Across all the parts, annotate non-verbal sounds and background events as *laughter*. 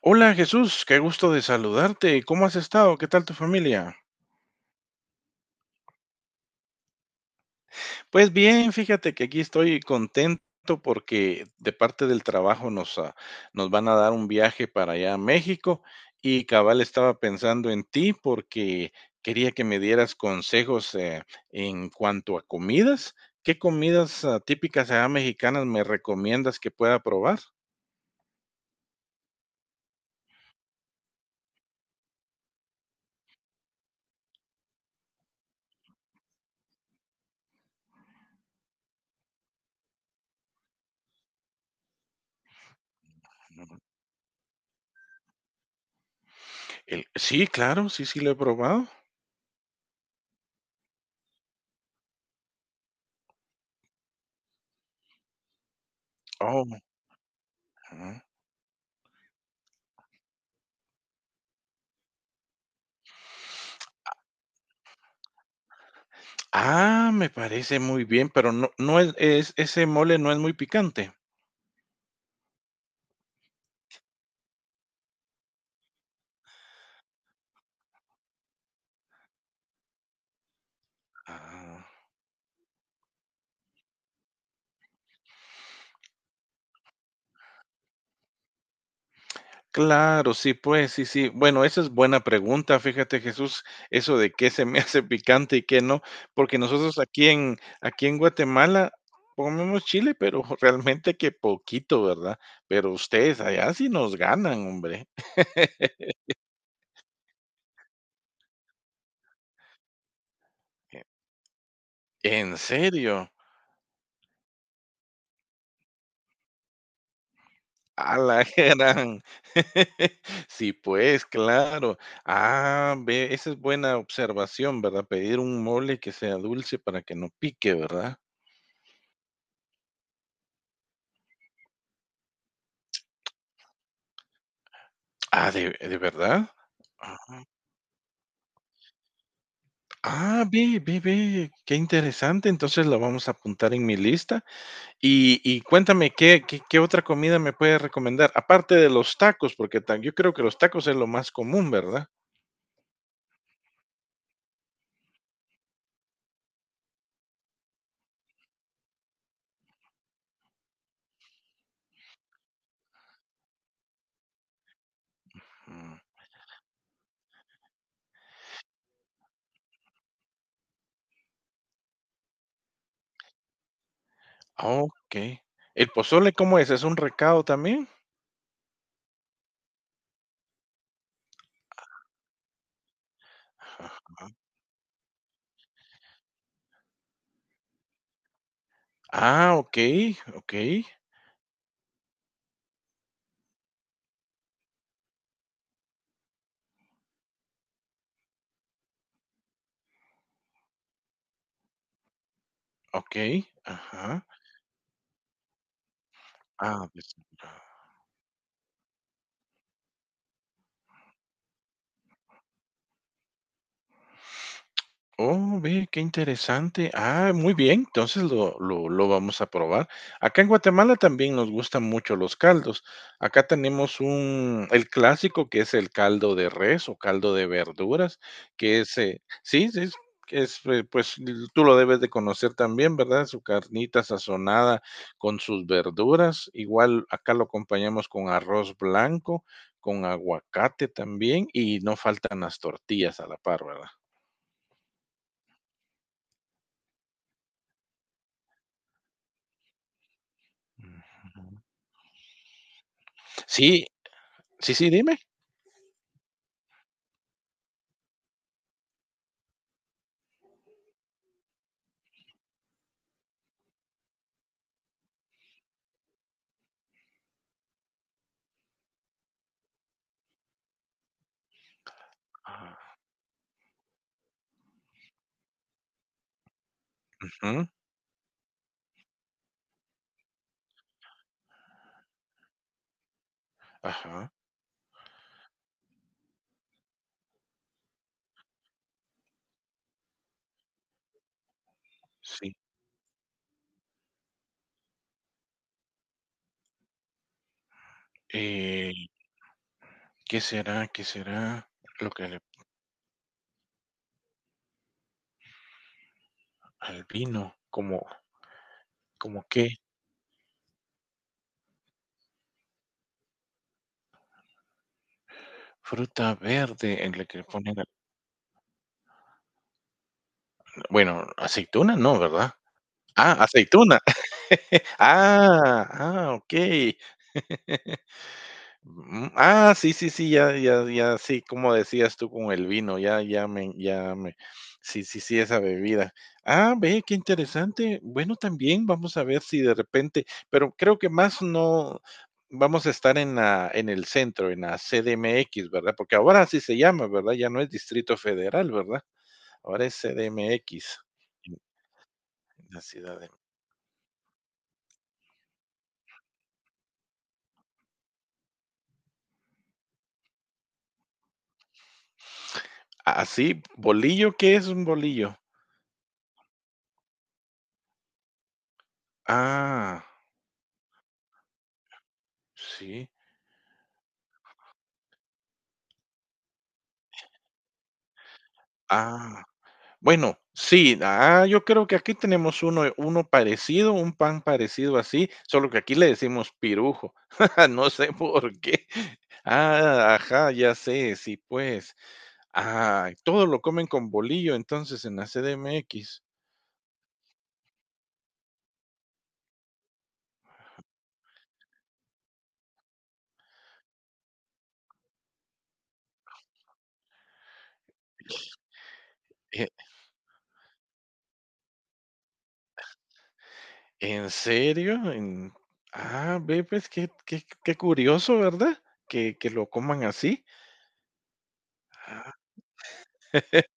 Hola Jesús, qué gusto de saludarte. ¿Cómo has estado? ¿Qué tal tu familia? Pues bien, fíjate que aquí estoy contento porque de parte del trabajo nos van a dar un viaje para allá a México y cabal estaba pensando en ti porque quería que me dieras consejos en cuanto a comidas. ¿Qué comidas típicas allá mexicanas me recomiendas que pueda probar? Sí, claro, sí, sí lo he probado. Oh. Ah, me parece muy bien, pero no es es ese mole no es muy picante. Ah, claro, sí, pues, sí, sí. Bueno, esa es buena pregunta, fíjate, Jesús, eso de qué se me *laughs* hace picante y qué no, porque nosotros aquí en Guatemala comemos chile, pero *laughs* realmente que poquito, ¿verdad? Pero ustedes allá sí nos ganan, hombre. *laughs* ¿En serio? A la gran. *laughs* Sí, pues, claro. Ah, ve, esa es buena observación, ¿verdad? Pedir un mole que sea dulce para que no pique, ¿verdad? Ah, ¿de verdad? Ah, ve, ve, ve, qué interesante. Entonces lo vamos a apuntar en mi lista. Y cuéntame, ¿qué otra comida me puedes recomendar? Aparte de los tacos, porque tan yo creo que los tacos es lo más común, ¿verdad? Mm, okey. ¿El pozole cómo es? ¿Es un recado también? Ah, okey, ajá. Ah, pues ah. Oh, ve, qué interesante. Ah, muy bien, entonces lo vamos a probar. Acá en Guatemala también nos gustan mucho los caldos. Acá tenemos un, el clásico que es el caldo de res o caldo de verduras, que es, sí, sí, es, pues tú lo debes de conocer también, ¿verdad? Su carnita sazonada con sus verduras. Igual acá lo acompañamos con arroz blanco, con aguacate también, y no faltan las tortillas a la par, ¿verdad? Mm. Sí, sí, sí, dime. Ajá, ajá, sí. Eh, qué será lo que le al vino? ¿Como como qué fruta verde en la que le ponen a bueno, aceituna no, ¿verdad? Ah, aceituna. *laughs* Ah, ah, okey. Mm, ah, sí, sí, sí, ya, ya, ya, sí, como decías tú con el vino, ya me, sí, sí, sí, esa bebida. Ah, ve, qué interesante. Bueno, también vamos a ver si de repente, pero creo que más no vamos a estar en el centro, en la CDMX, ¿verdad? Porque ahora así se llama, ¿verdad? Ya no es Distrito Federal, ¿verdad? Ahora es CDMX, en la ciudad de... Ah, sí, bolillo, ¿qué es un bolillo? Ah, sí. Ah. Bueno, sí, yo creo que aquí tenemos uno parecido, un pan parecido así, solo que aquí le decimos pirujo. *laughs* No sé por qué. Ah, ajá, ya sé, sí, pues. Ah, todo lo comen con bolillo, entonces, en la CDMX. ¿E en serio? En ah, ve, pues, qué curioso, ¿verdad? Que lo coman así. *laughs*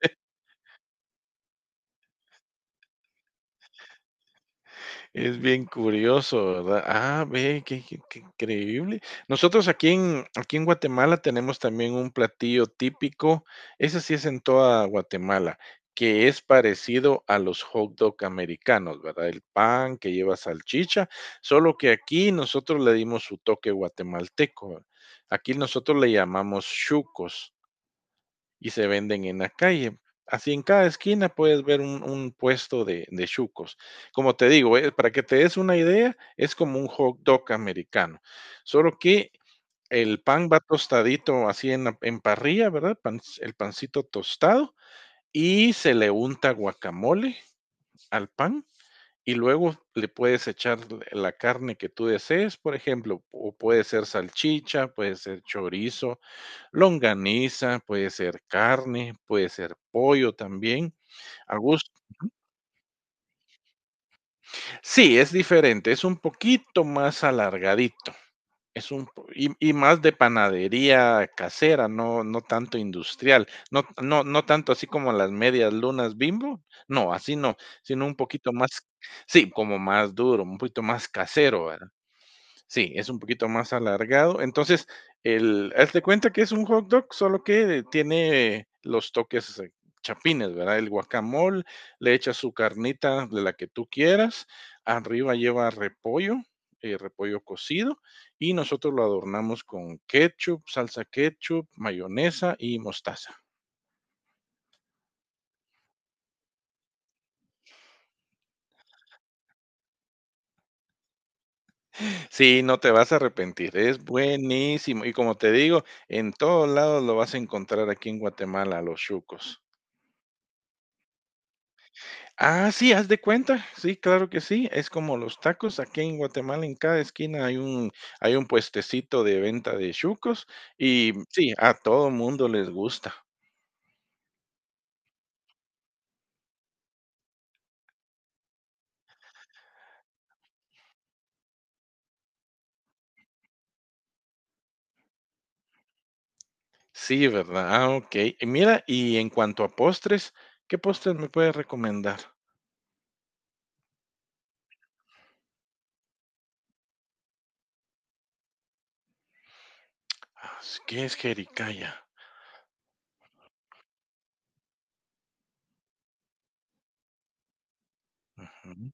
Es bien curioso, ¿verdad? Ah, ve, qué increíble. Nosotros aquí en Guatemala tenemos también un platillo típico, ese sí es en toda Guatemala, que es parecido a los hot dog americanos, ¿verdad? El pan que lleva salchicha, solo que aquí nosotros le dimos su toque guatemalteco. Aquí nosotros le llamamos chucos y se venden en la calle. Así en cada esquina puedes ver un puesto de chucos. Como te digo, para que te des una idea, es como un hot dog americano. Solo que el pan va tostadito así en parrilla, ¿verdad? El pancito tostado y se le unta guacamole al pan y luego le puedes echar la carne que tú desees, por ejemplo, o puede ser salchicha, puede ser chorizo, longaniza, puede ser carne, puede ser pollo también, a gusto. Sí, es diferente, es un poquito más alargadito, es un po y más de panadería casera, no tanto industrial, no tanto así como las medias lunas Bimbo, no, así no, sino un poquito más sí, como más duro, un poquito más casero, ¿verdad? Sí, es un poquito más alargado. Entonces, haz de cuenta que es un hot dog, solo que tiene los toques chapines, ¿verdad? El guacamole, le echas su carnita de la que tú quieras, arriba lleva repollo, repollo cocido, y nosotros lo adornamos con ketchup, salsa ketchup, mayonesa y mostaza. Sí, no te vas a arrepentir, es buenísimo. Y como te digo, en todos lados lo vas a encontrar aquí en Guatemala, los chucos. Ah, sí, haz de cuenta. Sí, claro que sí. Es como los tacos. Aquí en Guatemala, en cada esquina hay un puestecito de venta de chucos y sí, a todo mundo les gusta. Sí, ¿verdad? Ah, ok. Y mira, y en cuanto a postres, ¿qué postres me puedes recomendar? Ah, ¿qué es jericaya? Ujú.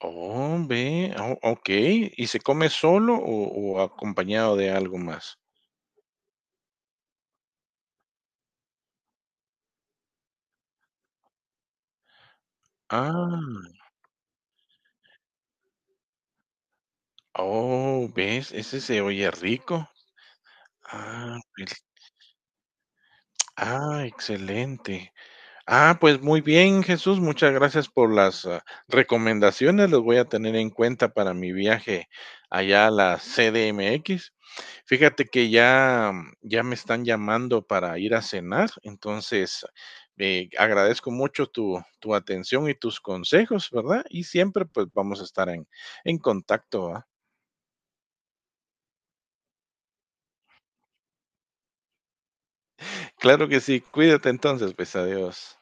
Oh, ve, o okey, ¿y se come solo o acompañado de algo más? Ah, oh, ¿ves? Ese se oye rico. Ah, pues, ah, excelente. Ah, pues, muy bien, Jesús, muchas gracias por recomendaciones. Los voy a tener en cuenta para mi viaje allá a la CDMX. Fíjate que ya, mm, ya me están llamando para ir a cenar, entonces agradezco mucho tu atención y tus consejos, ¿verdad? Y siempre pues vamos a estar en contacto, ¿va? Claro que sí, cuídate entonces, pues adiós.